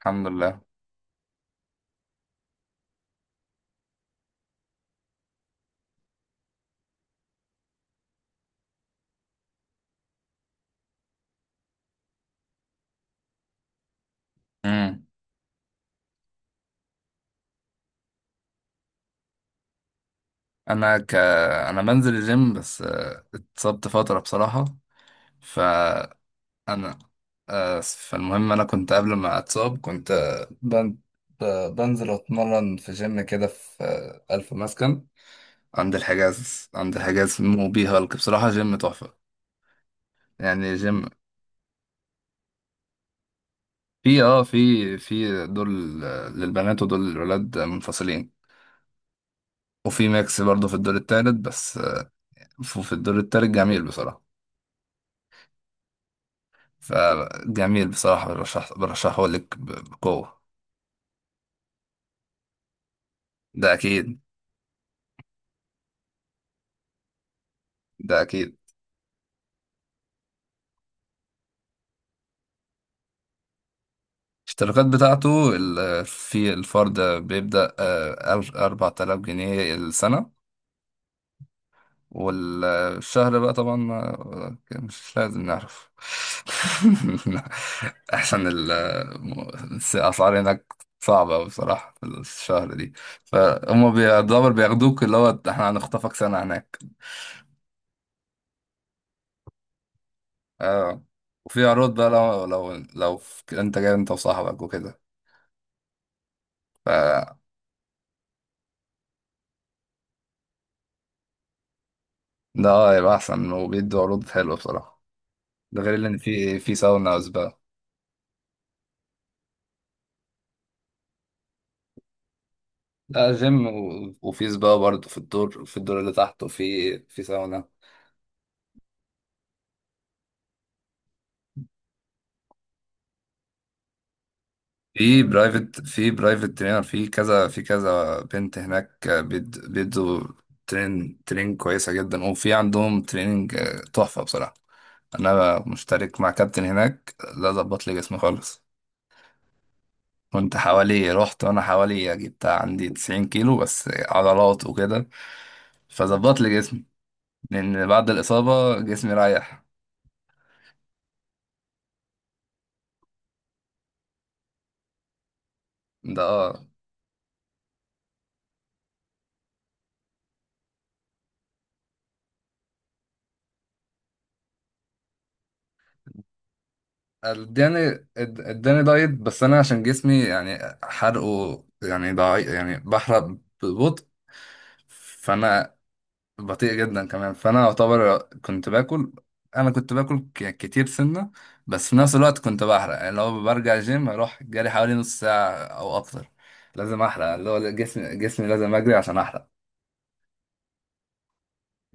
الحمد لله. امم انا ك انا بنزل الجيم، بس اتصبت فتره بصراحه. فانا آه، فالمهم انا كنت قبل ما اتصاب، كنت بنزل اتمرن في جيم كده في الف مسكن، عند الحجاز. في موبي هالك، بصراحه جيم تحفه. يعني جيم، في اه في في دول للبنات ودول للولاد منفصلين، وفي ميكس برضه في الدور التالت، بس في الدور التالت جميل بصراحه. فجميل بصراحة، برشحه لك بقوة. ده أكيد. ده أكيد. الاشتراكات بتاعته في الفرد بيبدأ أربعة آلاف جنيه السنة، والشهر بقى طبعا مش لازم نعرف. أحسن الأسعار هناك صعبة أوي بصراحة في الشهر دي. فهم بيعتبر بياخدوك، اللي هو احنا هنخطفك سنة هناك. اه وفي عروض بقى، لو انت جاي انت وصاحبك وكده. ف ده، يبقى احسن، وبيدوا عروض حلوه بصراحه. ده غير ان في ساونا وسبا. لا، جيم وفي سبا برضه في الدور، اللي تحت، وفي ساونا. في برايفت، ترينر، في كذا، في كذا بنت هناك بيدوا ترين كويسه جدا، وفي عندهم تريننج تحفه بصراحه. انا مشترك مع كابتن هناك، لا، ظبط لي جسمي خالص. كنت حوالي، رحت وانا حوالي جبت عندي 90 كيلو، بس عضلات وكده. فظبط لي جسمي، لان بعد الاصابه جسمي رايح. ده، اداني دايت، بس انا عشان جسمي يعني حرقه يعني ضعيف، يعني بحرق ببطء. فانا بطيء جدا كمان. فانا اعتبر كنت باكل، انا كنت باكل ك- كتير سنه، بس في نفس الوقت كنت بحرق. يعني لو برجع جيم، اروح جري حوالي نص ساعه او اكتر. لازم احرق، اللي هو جسمي، لازم اجري عشان احرق.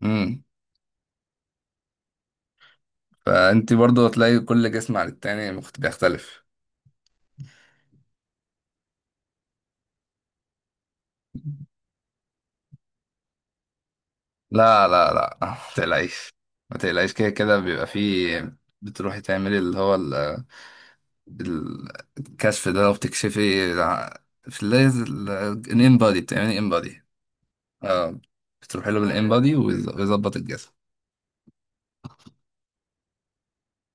امم فانت برضو هتلاقي كل جسم عن التاني بيختلف. لا، لا، لا. ما تقلقيش، ما تقلقيش، كده كده بيبقى فيه. بتروحي تعملي اللي هو ال- الكشف ده، وبتكشفي في الليز. الان بادي، بتعملي ان بادي. اه بتروح له بالان بادي ويظبط الجسم.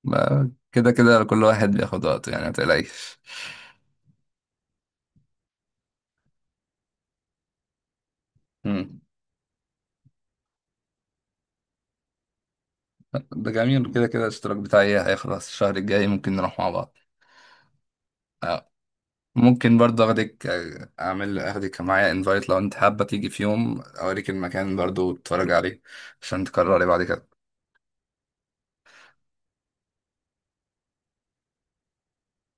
كده كده كل واحد بياخد وقته، يعني ما تقلقش. مم. ده جميل، كده كده الاشتراك بتاعي هيخلص الشهر الجاي، ممكن نروح مع بعض. آه، ممكن برضه اخدك آه، اعمل اخدك معايا انفايت، لو انت حابة تيجي في يوم، اوريك المكان برضه وتتفرج عليه، عشان تكرري بعد كده.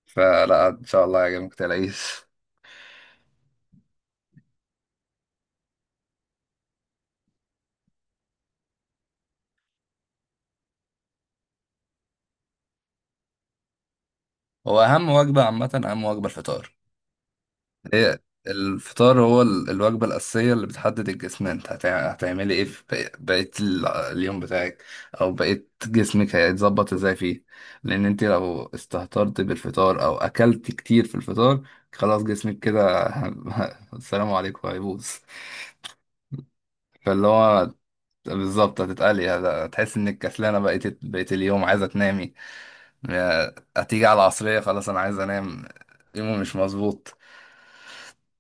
فلا ان شاء الله يا جماعة، متقلقيش. هو اهم وجبة عامة، اهم وجبة الفطار. هي الفطار هو الوجبة الأساسية اللي بتحدد الجسم. أنت هتعملي إيه في بقية اليوم بتاعك، أو بقية جسمك هيتظبط إزاي فيه. لأن أنت لو استهترت بالفطار، أو أكلت كتير في الفطار، خلاص جسمك كده السلام عليكم هيبوظ. فاللي هو بالظبط، هتتقلي، هتحس إنك كسلانة بقية اليوم، عايزة تنامي، هتيجي على العصرية خلاص، أنا عايز أنام، يومي مش مظبوط.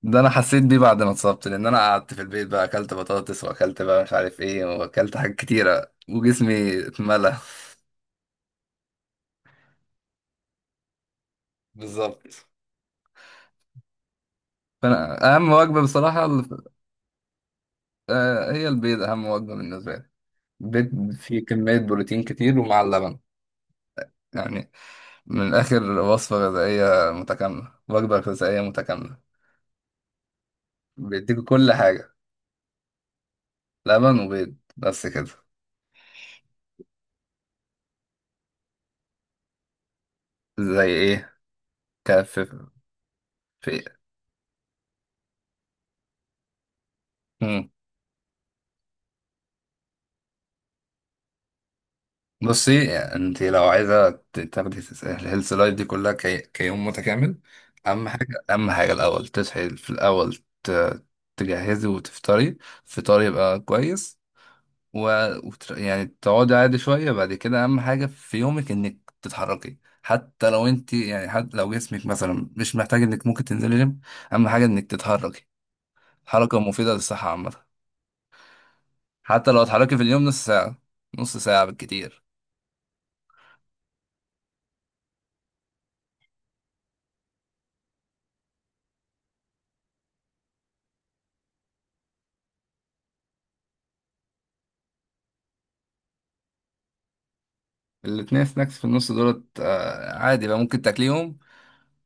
ده انا حسيت بيه بعد ما اتصبت، لان انا قعدت في البيت، بقى اكلت بطاطس واكلت، بقى مش عارف ايه، واكلت حاجات كتيره وجسمي اتملى. بالظبط. فانا اهم وجبه بصراحه، هي البيض، اهم وجبه بالنسبه لي. البيض فيه كميه بروتين كتير، ومع اللبن، يعني من الاخر، وصفه غذائيه متكامله، وجبه غذائيه متكامله، بيديك كل حاجه، لبن وبيض بس كده. زي ايه؟ كف. في، بصي، انت لو عايزه تاخدي الهيلث لايف دي كلها كيوم متكامل. اهم حاجه، اهم حاجه، الاول تصحي في الاول، تجهزي وتفطري، فطار يبقى كويس. و... يعني تقعدي عادي شويه. بعد كده اهم حاجه في يومك انك تتحركي، حتى لو انت يعني، حتى لو جسمك مثلا مش محتاج، انك ممكن تنزلي جيم. اهم حاجه انك تتحركي، حركه مفيده للصحه عامه. حتى لو اتحركي في اليوم نص ساعه، نص ساعه بالكتير. الاتنين سناكس في النص دولت عادي بقى، ممكن تاكليهم.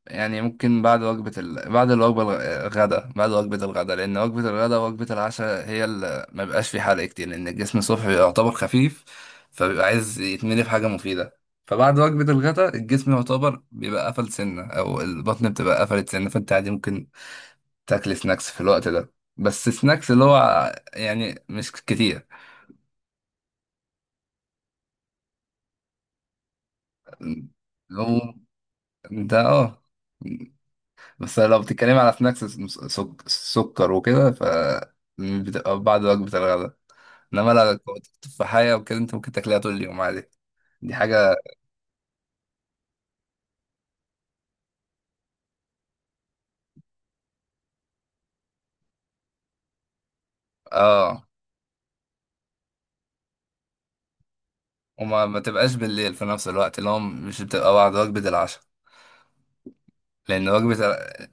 يعني ممكن بعد الوجبة الغداء، بعد وجبة الغداء، لأن وجبة الغداء ووجبة العشاء هي اللي ما بيبقاش في حرق كتير، لأن الجسم الصبح يعتبر خفيف، فبيبقى عايز يتملي بحاجة مفيدة. فبعد وجبة الغداء الجسم يعتبر بيبقى قفل سنة، أو البطن بتبقى قفلت سنة، فأنت عادي ممكن تاكل سناكس في الوقت ده، بس سناكس اللي هو يعني مش كتير. لو ده اه بس لو بتتكلمي على سناكس سكر وكده، بتبقى بعد وجبة الغداء، انما لو كنت تفاحية وكده، انت ممكن تاكلها طول اليوم عادي. دي حاجة. اه ما تبقاش بالليل في نفس الوقت، اللي هو مش بتبقى بعد وجبة العشاء، لأن وجبة ال...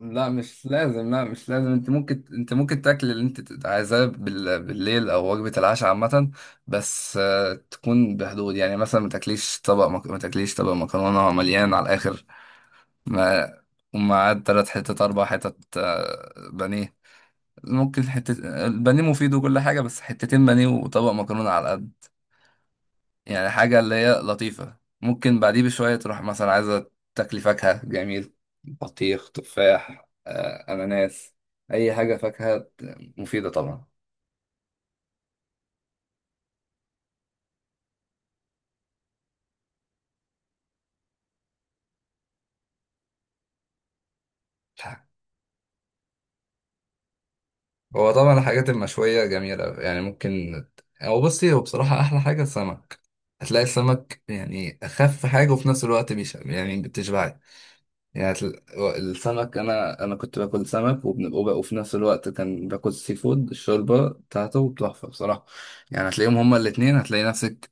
لا مش لازم، لا مش لازم. انت ممكن، تاكل اللي انت عايزاه بالليل، او وجبة العشاء عامة، بس تكون بحدود. يعني مثلا ما تاكليش طبق مكرونة مليان على الآخر، ما ومعاه تلات حتت، أربع حتت بانيه. ممكن حتة، البانيه مفيد وكل حاجة، بس حتتين بانيه وطبق مكرونة على القد، يعني حاجة اللي هي لطيفة. ممكن بعديه بشوية تروح مثلا عايزة تاكلي فاكهة، جميل، بطيخ، تفاح، أناناس، أي حاجة فاكهة مفيدة طبعا. هو طبعا الحاجات المشوية جميلة، يعني ممكن. هو بصي، هو بصراحة أحلى حاجة السمك. هتلاقي السمك يعني أخف حاجة، وفي نفس الوقت يعني بتشبعك. يعني السمك، انا كنت باكل سمك، وفي نفس الوقت كان باكل سي فود. الشوربه بتاعته تحفه بصراحه. يعني هتلاقيهم هما الاتنين، هتلاقي نفسك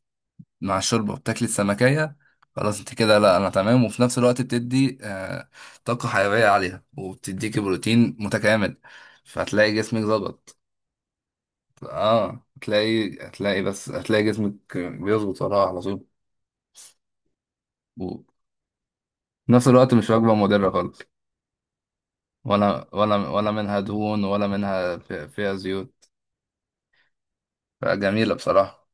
مع الشوربه بتاكلي السمكيه، خلاص انت كده، لا، انا تمام. وفي نفس الوقت بتدي طاقه حيويه عليها، وبتديكي بروتين متكامل، فهتلاقي جسمك ظبط. اه هتلاقي هتلاقي بس هتلاقي جسمك بيظبط وراها على طول. وفي نفس الوقت مش وجبه مضره خالص، ولا منها دهون، ولا منها فيها زيوت. فجميلة بصراحة.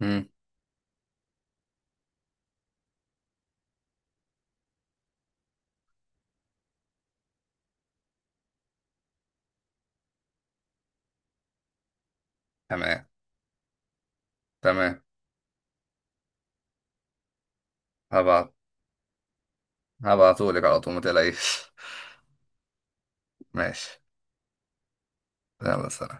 مم. تمام، تمام. هبعت هبعتهولك على طول، ما تقلقيش. ماشي، يلا، سلام.